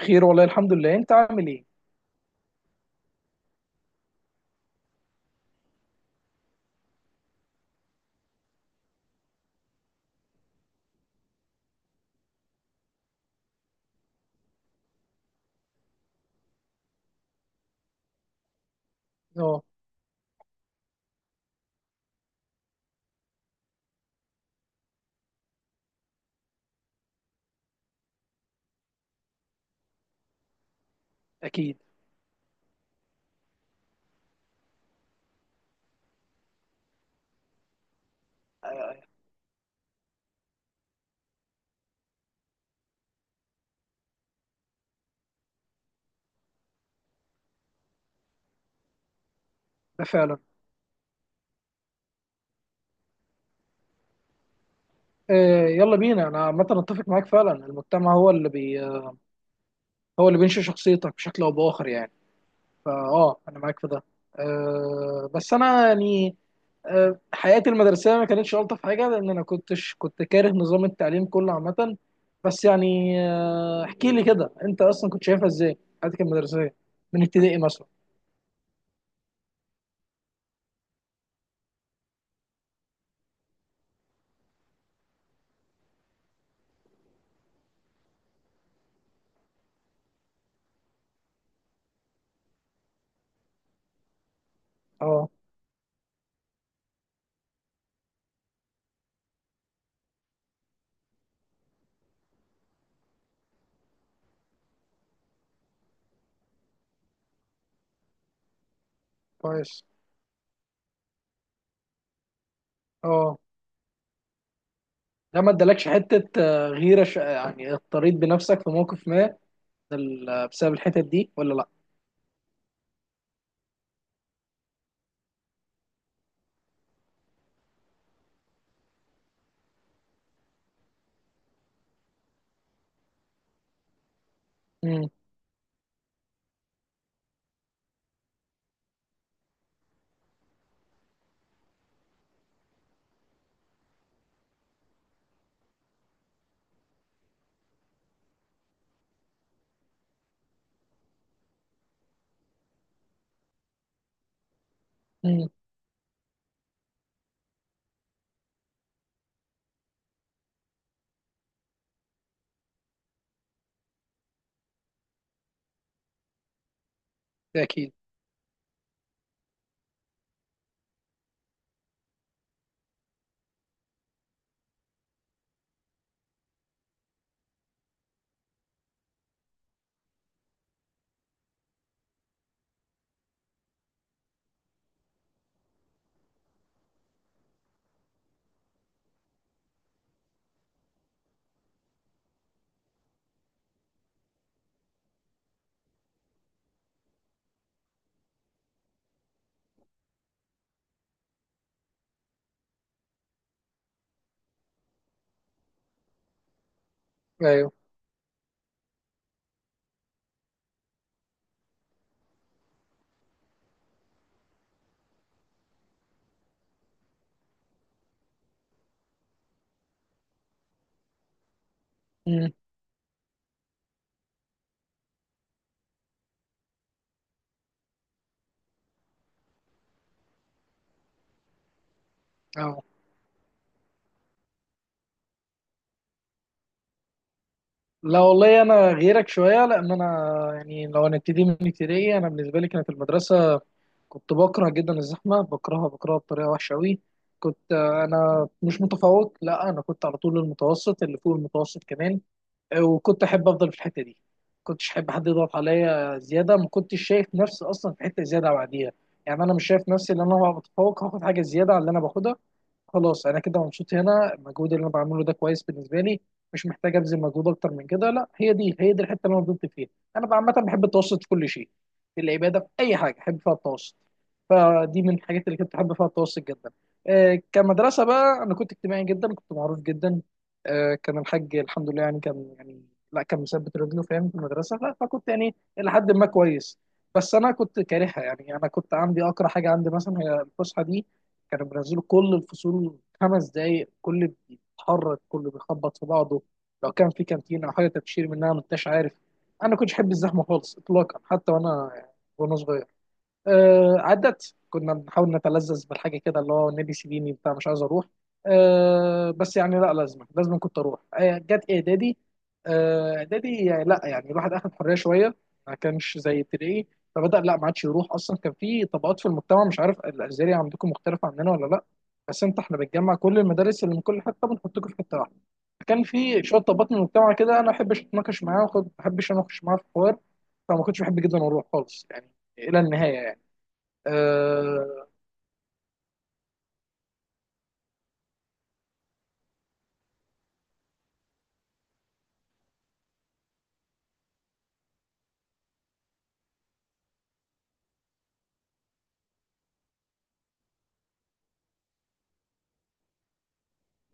خير والله، الحمد لله. انت عامل ايه؟ اه. اكيد. آه، ده فعلا. يلا بينا. انا عامه اتفق معاك فعلا، المجتمع هو اللي بينشئ شخصيتك بشكل او باخر يعني. فاه انا معاك في ده. بس انا يعني حياتي المدرسيه ما كانتش الطف حاجه لان انا كنت كاره نظام التعليم كله عامه. بس يعني احكي لي كده انت اصلا كنت شايفها ازاي، حياتك المدرسيه، من ابتدائي مثلا. اه. كويس. اه. ده ما ادالكش حته آه، غيره ش... آه، يعني اضطريت بنفسك في موقف ما بسبب الحتت دي ولا لا؟ امم. امم. ده اكيد. ايوه. امم. اه. لا والله، انا غيرك شويه لان انا يعني لو هنبتدي من ابتدائي، انا بالنسبه لي كانت المدرسه، كنت بكره جدا الزحمه، بكرهها بكرهها بطريقه وحشه قوي. كنت انا مش متفوق، لا انا كنت على طول المتوسط اللي فوق المتوسط كمان، وكنت احب افضل في الحته دي. كنتش احب حد يضغط عليا زياده، ما كنتش شايف نفسي اصلا في حته زياده بعديها. يعني انا مش شايف نفسي ان انا هبقى متفوق هاخد حاجه زياده على اللي انا باخدها، خلاص انا كده مبسوط هنا. المجهود اللي انا بعمله ده كويس بالنسبه لي، مش محتاج ابذل مجهود اكتر من كده، لا، هي دي هي دي الحته اللي انا فضلت فيها. انا عامه بحب التوسط في كل شيء، في العباده، في اي حاجه بحب فيها التوسط. فدي من الحاجات اللي كنت بحب فيها التوسط جدا. كمدرسه بقى، انا كنت اجتماعي جدا، كنت معروف جدا. كان الحاج الحمد لله يعني كان يعني، لا كان مثبت رجله فاهم في المدرسه فكنت يعني الى حد ما كويس. بس انا كنت كارهها، يعني انا كنت عندي اقرا حاجه عندي مثلا هي الفسحه دي، كانوا بينزلوا كل الفصول 5 دقايق، كل بيتحرك كله بيخبط في بعضه، لو كان في كانتين او حاجه تبشير منها ما انتش عارف. انا كنتش احب الزحمه خالص اطلاقا، حتى وانا صغير. عدت كنا بنحاول نتلذذ بالحاجه كده اللي هو نادي سيديني بتاع، مش عايز اروح. بس يعني، لا لازم لازم كنت اروح. جت اعدادي. اعدادي يعني لا يعني الواحد اخد حريه شويه، ما كانش زي ابتدائي. فبدا لا ما عادش يروح اصلا. كان في طبقات في المجتمع، مش عارف الازهري عندكم مختلفه عننا ولا لا، بس انت احنا بنجمع كل المدارس اللي من كل حته بنحطكم في حته واحده. كان في شويه طبقات من المجتمع كده انا ما احبش اتناقش معاهم، ما احبش اناقش معاهم في حوار، فما كنتش بحب جدا اروح خالص يعني، الى النهايه يعني. آه،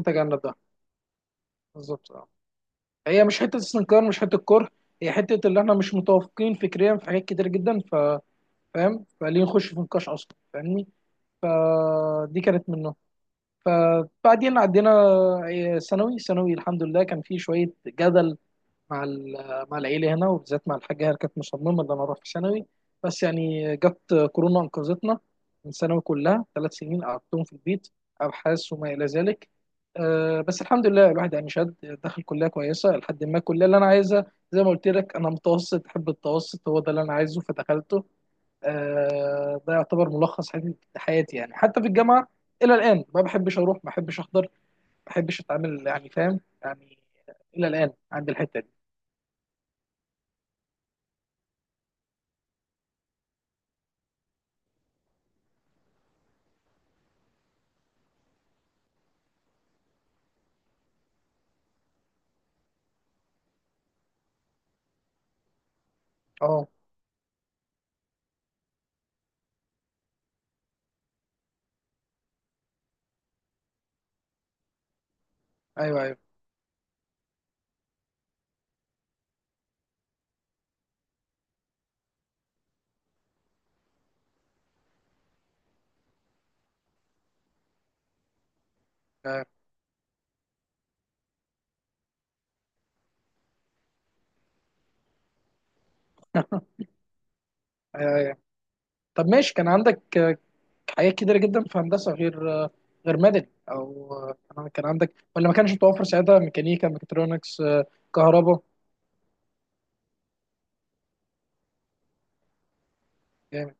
نتجنب ده، بالظبط اه. هي مش حته استنكار مش حته كره، هي حته اللي احنا مش متوافقين فكريا في حاجات كتير جدا. ف فاهم، فليه نخش في نقاش اصلا، فاهمني. فدي كانت منه. فبعدين عدينا ثانوي. ثانوي الحمد لله كان فيه شويه جدل مع مع العيله هنا، وبالذات مع الحاجه، هي كانت مصممه ان انا اروح في ثانوي، بس يعني جت كورونا انقذتنا من ثانوي، كلها 3 سنين قعدتهم في البيت، ابحاث وما الى ذلك. بس الحمد لله الواحد يعني شاد، دخل كليه كويسه، لحد ما الكليه اللي انا عايزها زي ما قلت لك، انا متوسط احب التوسط هو ده اللي انا عايزه فدخلته. ده يعتبر ملخص حياتي حياتي، يعني حتى في الجامعه الى الان ما بحبش اروح، ما بحبش احضر، ما بحبش اتعامل يعني فاهم يعني، الى الان عند الحته دي. اه. ايوه، ايوه. ايوه، ايوه، أيوة. طب ماشي، كان عندك حاجات كتيرة جدا في هندسة غير غير مدني، او كان كان عندك ولا ما كانش متوفر ساعتها، ميكانيكا، ميكاترونكس، كهرباء؟ جامد.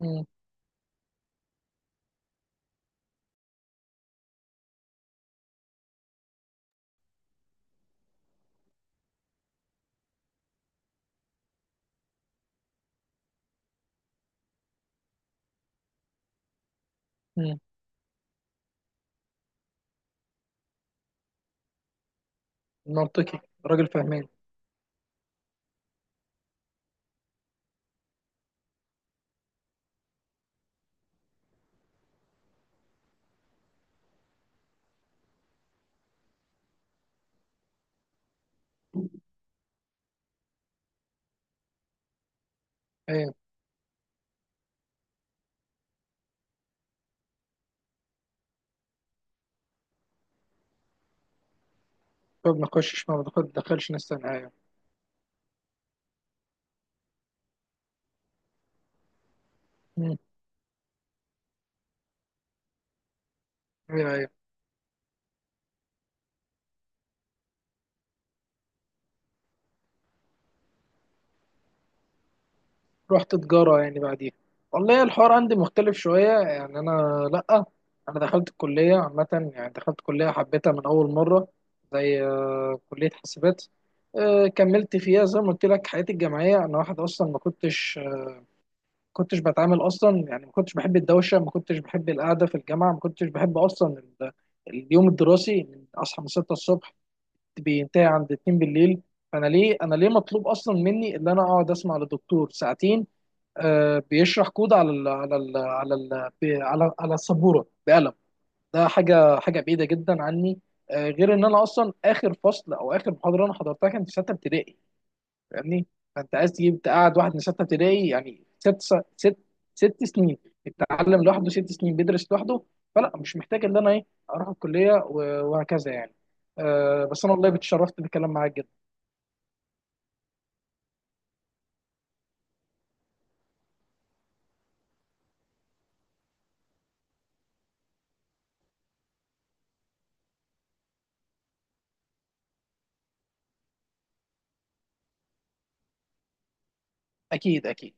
مم. مم. منطقي، راجل فهمان. ايوه، ما بنخشش ما بندخلش ناس تانية ايوه. مم. ايوه، أيوة. رحت تجارة يعني بعديها؟ والله الحوار عندي مختلف شوية يعني أنا، لأ، أنا دخلت الكلية عامة يعني دخلت كلية حبيتها من أول مرة، زي كلية حاسبات. كملت فيها زي ما قلت لك حياتي الجامعية. أنا واحد أصلا ما كنتش ما كنتش بتعامل أصلا يعني ما كنتش بحب الدوشة، ما كنتش بحب القعدة في الجامعة، ما كنتش بحب أصلا اليوم الدراسي من أصحى من 6 الصبح بينتهي عند 2 بالليل. فأنا ليه، أنا ليه مطلوب أصلا مني إن أنا أقعد أسمع لدكتور ساعتين بيشرح كود على ال على ال على ال بي- على على السبوره بقلم؟ ده حاجه حاجه بعيده جدا عني. غير ان انا اصلا اخر فصل او اخر محاضره انا حضرتها كانت في سته ابتدائي، فاهمني؟ فانت عايز تجيب تقعد واحد من سته ابتدائي يعني 6 سنين بيتعلم لوحده، 6 سنين بيدرس لوحده. فلا مش محتاج ان انا ايه اروح الكليه وهكذا يعني. بس انا والله اتشرفت بالكلام معاك جدا. اكيد اكيد.